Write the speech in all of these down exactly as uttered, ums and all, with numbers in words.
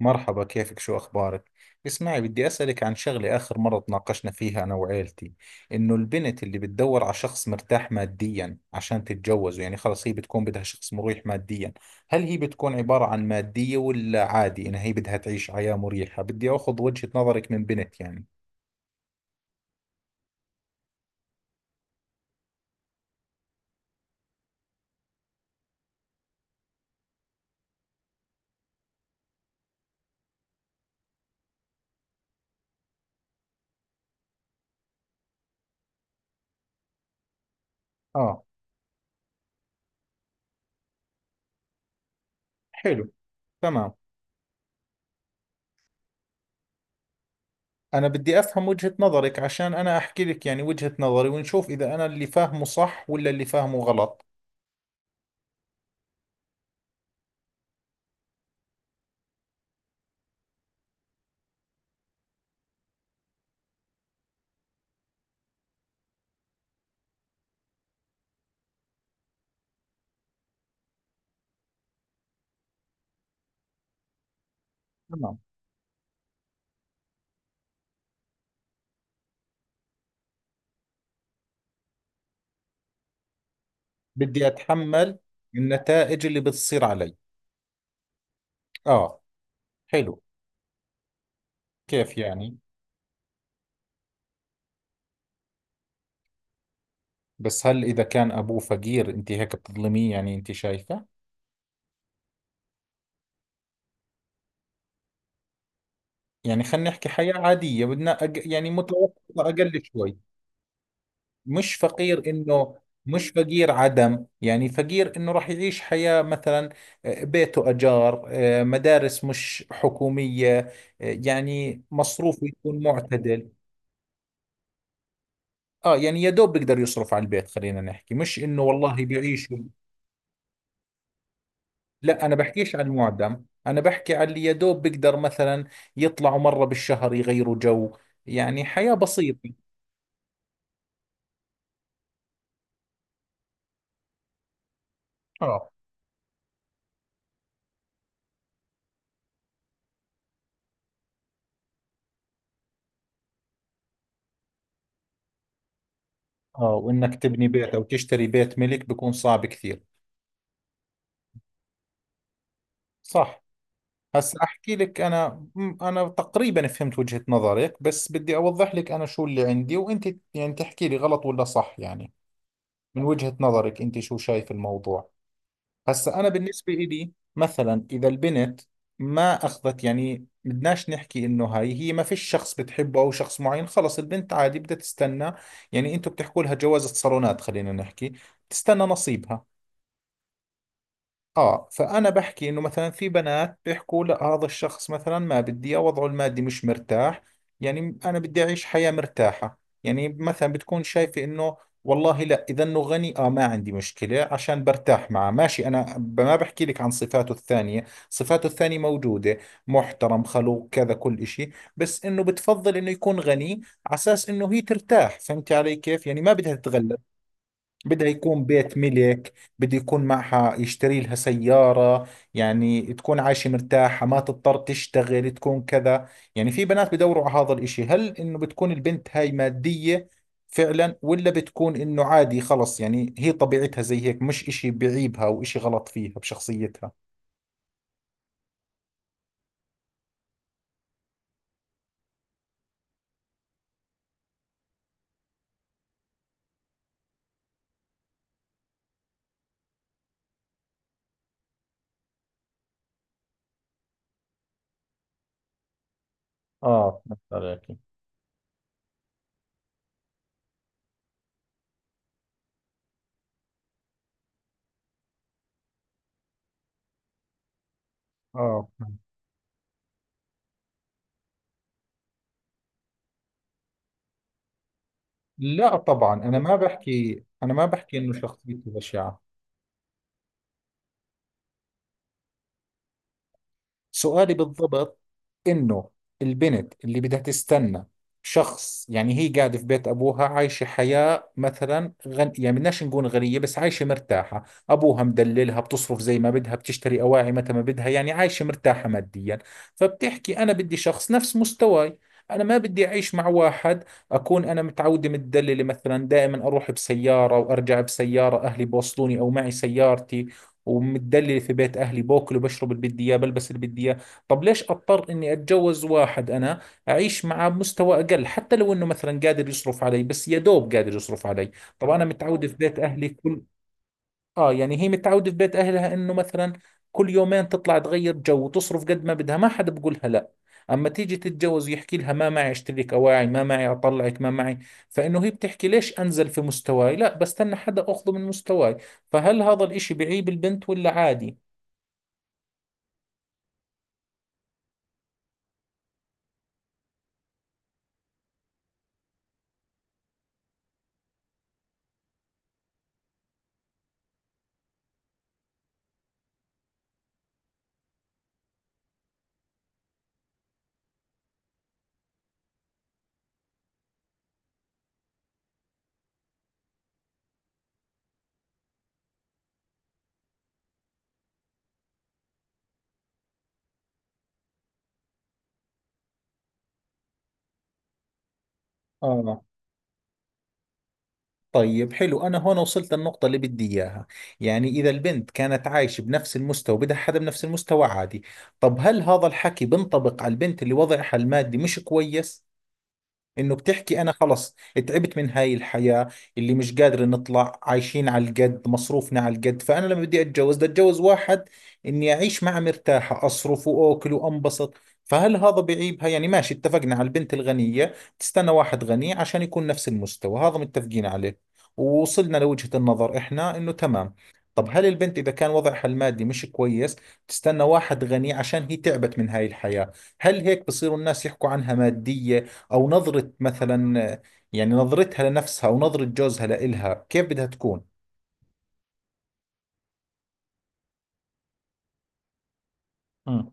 مرحبا كيفك شو أخبارك؟ اسمعي بدي أسألك عن شغلة آخر مرة تناقشنا فيها أنا وعيلتي إنه البنت اللي بتدور على شخص مرتاح ماديا عشان تتجوزه يعني خلص هي بتكون بدها شخص مريح ماديا هل هي بتكون عبارة عن مادية ولا عادي إنها هي بدها تعيش حياة مريحة؟ بدي أخذ وجهة نظرك من بنت يعني. آه. حلو. تمام. أنا بدي أفهم وجهة نظرك عشان أنا أحكي لك يعني وجهة نظري ونشوف إذا أنا اللي فاهمه صح ولا اللي فاهمه غلط. تمام، بدي أتحمل النتائج اللي بتصير علي. آه، حلو. كيف يعني؟ بس هل إذا كان أبوه فقير أنت هيك بتظلميه يعني أنت شايفة؟ يعني خلينا نحكي حياة عادية بدنا أق... يعني متوسطة أقل شوي. مش فقير إنه، مش فقير عدم يعني فقير إنه راح يعيش حياة مثلا آه، بيته أجار، آه، مدارس مش حكومية، آه، يعني مصروفه يكون معتدل. اه يعني يا دوب بيقدر يصرف على البيت، خلينا نحكي مش انه والله بيعيش. لا انا بحكيش عن المعدم، انا بحكي عن اللي يا دوب بيقدر مثلا يطلعوا مرة بالشهر يغيروا جو، يعني حياة بسيطة. اه. اه وانك تبني بيت او تشتري بيت ملك بيكون صعب كثير. صح. هسا احكي لك انا م- انا تقريبا فهمت وجهة نظرك بس بدي اوضح لك انا شو اللي عندي وانت يعني تحكي لي غلط ولا صح يعني. من وجهة نظرك انت شو شايف الموضوع؟ هسا انا بالنسبه إلي مثلا اذا البنت ما اخذت يعني بدناش نحكي انه هاي هي ما فيش شخص بتحبه او شخص معين خلص البنت عادي بدها تستنى، يعني انتوا بتحكوا لها جوازة صالونات خلينا نحكي، تستنى نصيبها. اه فانا بحكي انه مثلا في بنات بيحكوا لا هذا الشخص مثلا ما بدي إياه، وضعه المادي مش مرتاح يعني انا بدي اعيش حياة مرتاحة. يعني مثلا بتكون شايفة انه والله لا اذا انه غني اه ما عندي مشكلة عشان برتاح معه ماشي انا ب- ما بحكي لك عن صفاته الثانية، صفاته الثانية موجودة محترم خلوق كذا كل اشي، بس انه بتفضل انه يكون غني على اساس انه هي ترتاح فهمتي علي كيف يعني ما بدها تتغلب، بدها يكون بيت ملك، بده يكون معها يشتري لها سيارة يعني تكون عايشة مرتاحة ما تضطر تشتغل تكون كذا. يعني في بنات بدوروا على هذا الاشي هل انه بتكون البنت هاي مادية فعلا ولا بتكون انه عادي خلص يعني هي طبيعتها زي هيك مش اشي بعيبها او اشي غلط فيها بشخصيتها؟ اه فهمت عليك. اه. لا طبعا انا ما بحكي انا ما بحكي انه شخصيتي بشعة. سؤالي بالضبط إنه البنت اللي بدها تستنى شخص، يعني هي قاعدة في بيت أبوها عايشة حياة مثلا غن... يعني بدناش نقول غنية بس عايشة مرتاحة، أبوها مدللها بتصرف زي ما بدها بتشتري أواعي متى ما بدها يعني عايشة مرتاحة ماديا. فبتحكي أنا بدي شخص نفس مستواي، أنا ما بدي أعيش مع واحد أكون أنا متعودة متدللة مثلا دائما أروح بسيارة وأرجع بسيارة، أهلي بوصلوني أو معي سيارتي ومتدلل في بيت اهلي باكل وبشرب اللي بدي اياه بلبس اللي بدي اياه، طب ليش اضطر اني اتجوز واحد انا اعيش معه بمستوى اقل، حتى لو انه مثلا قادر يصرف علي بس يا دوب قادر يصرف علي، طب انا متعود في بيت اهلي كل. اه يعني هي متعودة في بيت اهلها انه مثلا كل يومين تطلع تغير جو وتصرف قد ما بدها ما حدا بقولها لا، اما تيجي تتجوز يحكي لها ما معي اشتري لك اواعي ما معي اطلعك ما معي، فانه هي بتحكي ليش انزل في مستواي، لا بستنى حدا اخذه من مستواي. فهل هذا الاشي بعيب البنت ولا عادي؟ اه. طيب حلو، أنا هون وصلت للنقطة اللي بدي إياها. يعني إذا البنت كانت عايشة بنفس المستوى بدها حدا بنفس المستوى عادي، طب هل هذا الحكي بنطبق على البنت اللي وضعها المادي مش كويس انه بتحكي انا خلص تعبت من هاي الحياة اللي مش قادر نطلع عايشين على القد مصروفنا على القد، فانا لما بدي اتجوز بدي اتجوز واحد اني اعيش معه مرتاحة اصرف واكل وانبسط، فهل هذا بعيبها؟ يعني ماشي اتفقنا على البنت الغنية تستنى واحد غني عشان يكون نفس المستوى هذا متفقين عليه ووصلنا لوجهة النظر احنا انه تمام. طب هل البنت اذا كان وضعها المادي مش كويس تستنى واحد غني عشان هي تعبت من هاي الحياة، هل هيك بصيروا الناس يحكوا عنها مادية او نظرة مثلا، يعني نظرتها لنفسها او نظرة جوزها لإلها كيف بدها تكون؟ مم.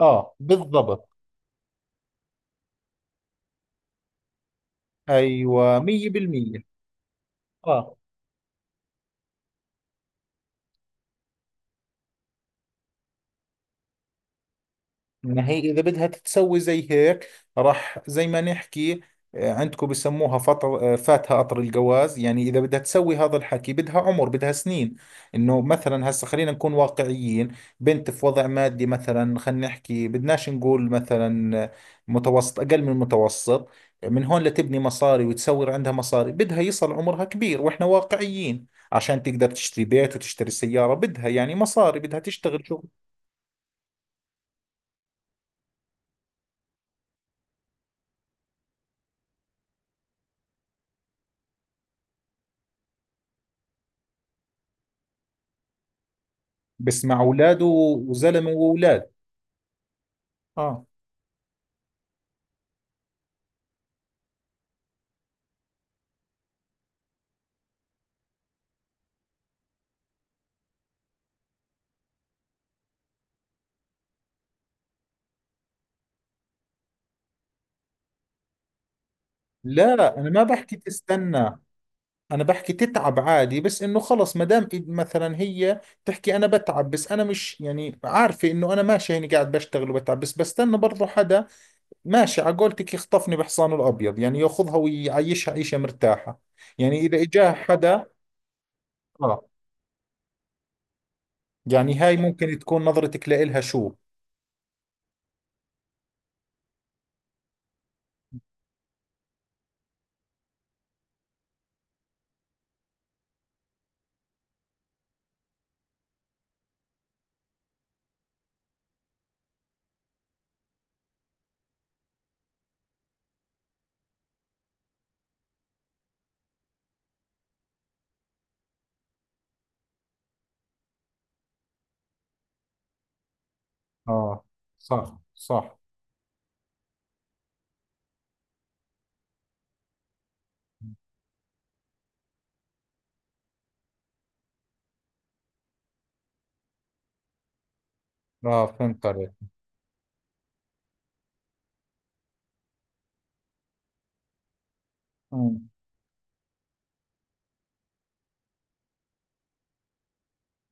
اه بالضبط. ايوه مئة بالمئة. اه ما هي إذا بدها تتسوي زي هيك، راح زي ما نحكي، آه، عندكم بسموها فطر، آه، فاتها قطر الجواز، يعني إذا بدها تسوي هذا الحكي بدها عمر بدها سنين، إنه مثلا هسا خلينا نكون واقعيين، بنت في وضع مادي مثلا خلينا نحكي بدناش نقول مثلا آه، متوسط أقل من المتوسط، من هون لتبني مصاري وتسوي عندها مصاري بدها يصل عمرها كبير وإحنا واقعيين عشان تقدر تشتري بيت وتشتري سيارة بدها يعني مصاري بدها تشتغل شغل. بس مع اولاده وزلمه واولاد. اه لا انا ما بحكي تستنى، انا بحكي تتعب عادي بس انه خلص ما دام إد- مثلا هي تحكي انا بتعب بس انا مش يعني عارفه انه انا ماشي هيني قاعد بشتغل وبتعب بس بستنى برضه حدا ماشي على قولتك يخطفني بحصانه الابيض يعني ياخذها ويعيشها عيشه مرتاحه، يعني اذا اجاها حدا. اه يعني هاي ممكن تكون نظرتك لإلها شو. اه صح صح. اه فهمت عليك.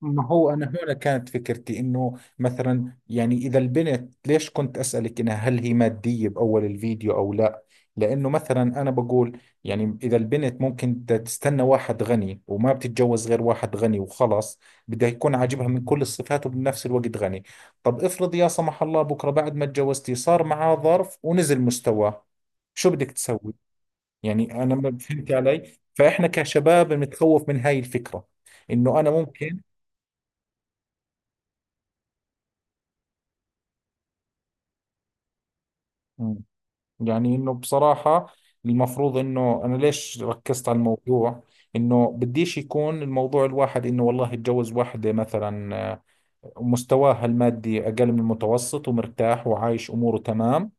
ما هو أنا هنا كانت فكرتي إنه مثلا يعني إذا البنت ليش كنت أسألك إنها هل هي مادية بأول الفيديو أو لا، لأنه مثلا أنا بقول يعني إذا البنت ممكن بدها تستنى واحد غني وما بتتجوز غير واحد غني وخلص، بدها يكون عاجبها من كل الصفات وبنفس الوقت غني، طب افرض يا سمح الله بكرة بعد ما تجوزتي صار معاه ظرف ونزل مستواه، شو بدك تسوي؟ يعني أنا ما فهمت علي فإحنا كشباب بنتخوف من هاي الفكرة. إنه أنا ممكن، يعني انه بصراحة المفروض انه انا ليش ركزت على الموضوع، انه بديش يكون الموضوع الواحد انه والله يتجوز واحدة مثلا آه، مستواها المادي اقل من المتوسط ومرتاح وعايش اموره تمام،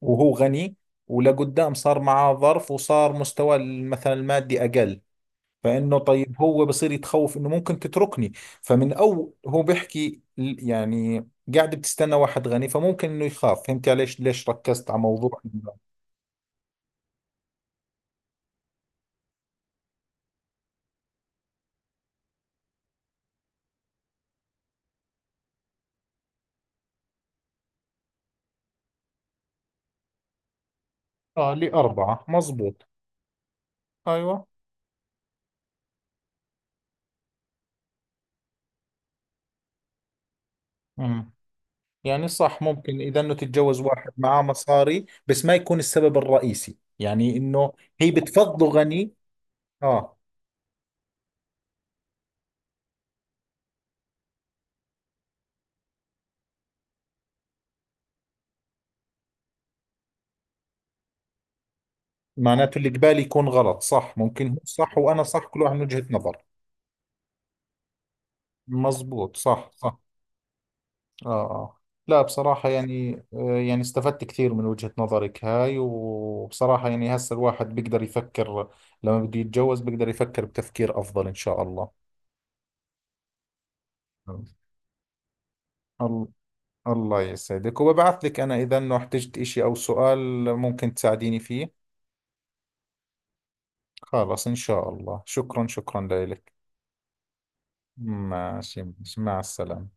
وهو غني ولقدام صار معاه ظرف وصار مستواه مثلا المادي اقل، فانه طيب هو بصير يتخوف انه ممكن تتركني، فمن او هو بيحكي ال- يعني قاعد بتستنى واحد غني فممكن انه يخاف، فهمت علي ليش ليش ركزت على موضوع. اه لأربعة مزبوط. أيوة. امم، يعني صح ممكن إذا أنه تتجوز واحد معاه مصاري بس ما يكون السبب الرئيسي، يعني أنه هي بتفضله غني. آه. معناته اللي قبالي يكون غلط؟ صح ممكن هو صح وأنا صح كل واحد من وجهة نظر. مزبوط صح صح. آه آه. لا بصراحة يعني آه، يعني استفدت كثير من وجهة نظرك هاي، وبصراحة يعني هسه الواحد بيقدر يفكر لما بده يتجوز بيقدر يفكر بتفكير أفضل إن شاء الله. الله. الله يسعدك، وببعث لك أنا إذا أنه احتجت إشي أو سؤال ممكن تساعديني فيه. خلاص إن شاء الله، شكرا شكرا لك. ماشي ماشي. مع السلامة.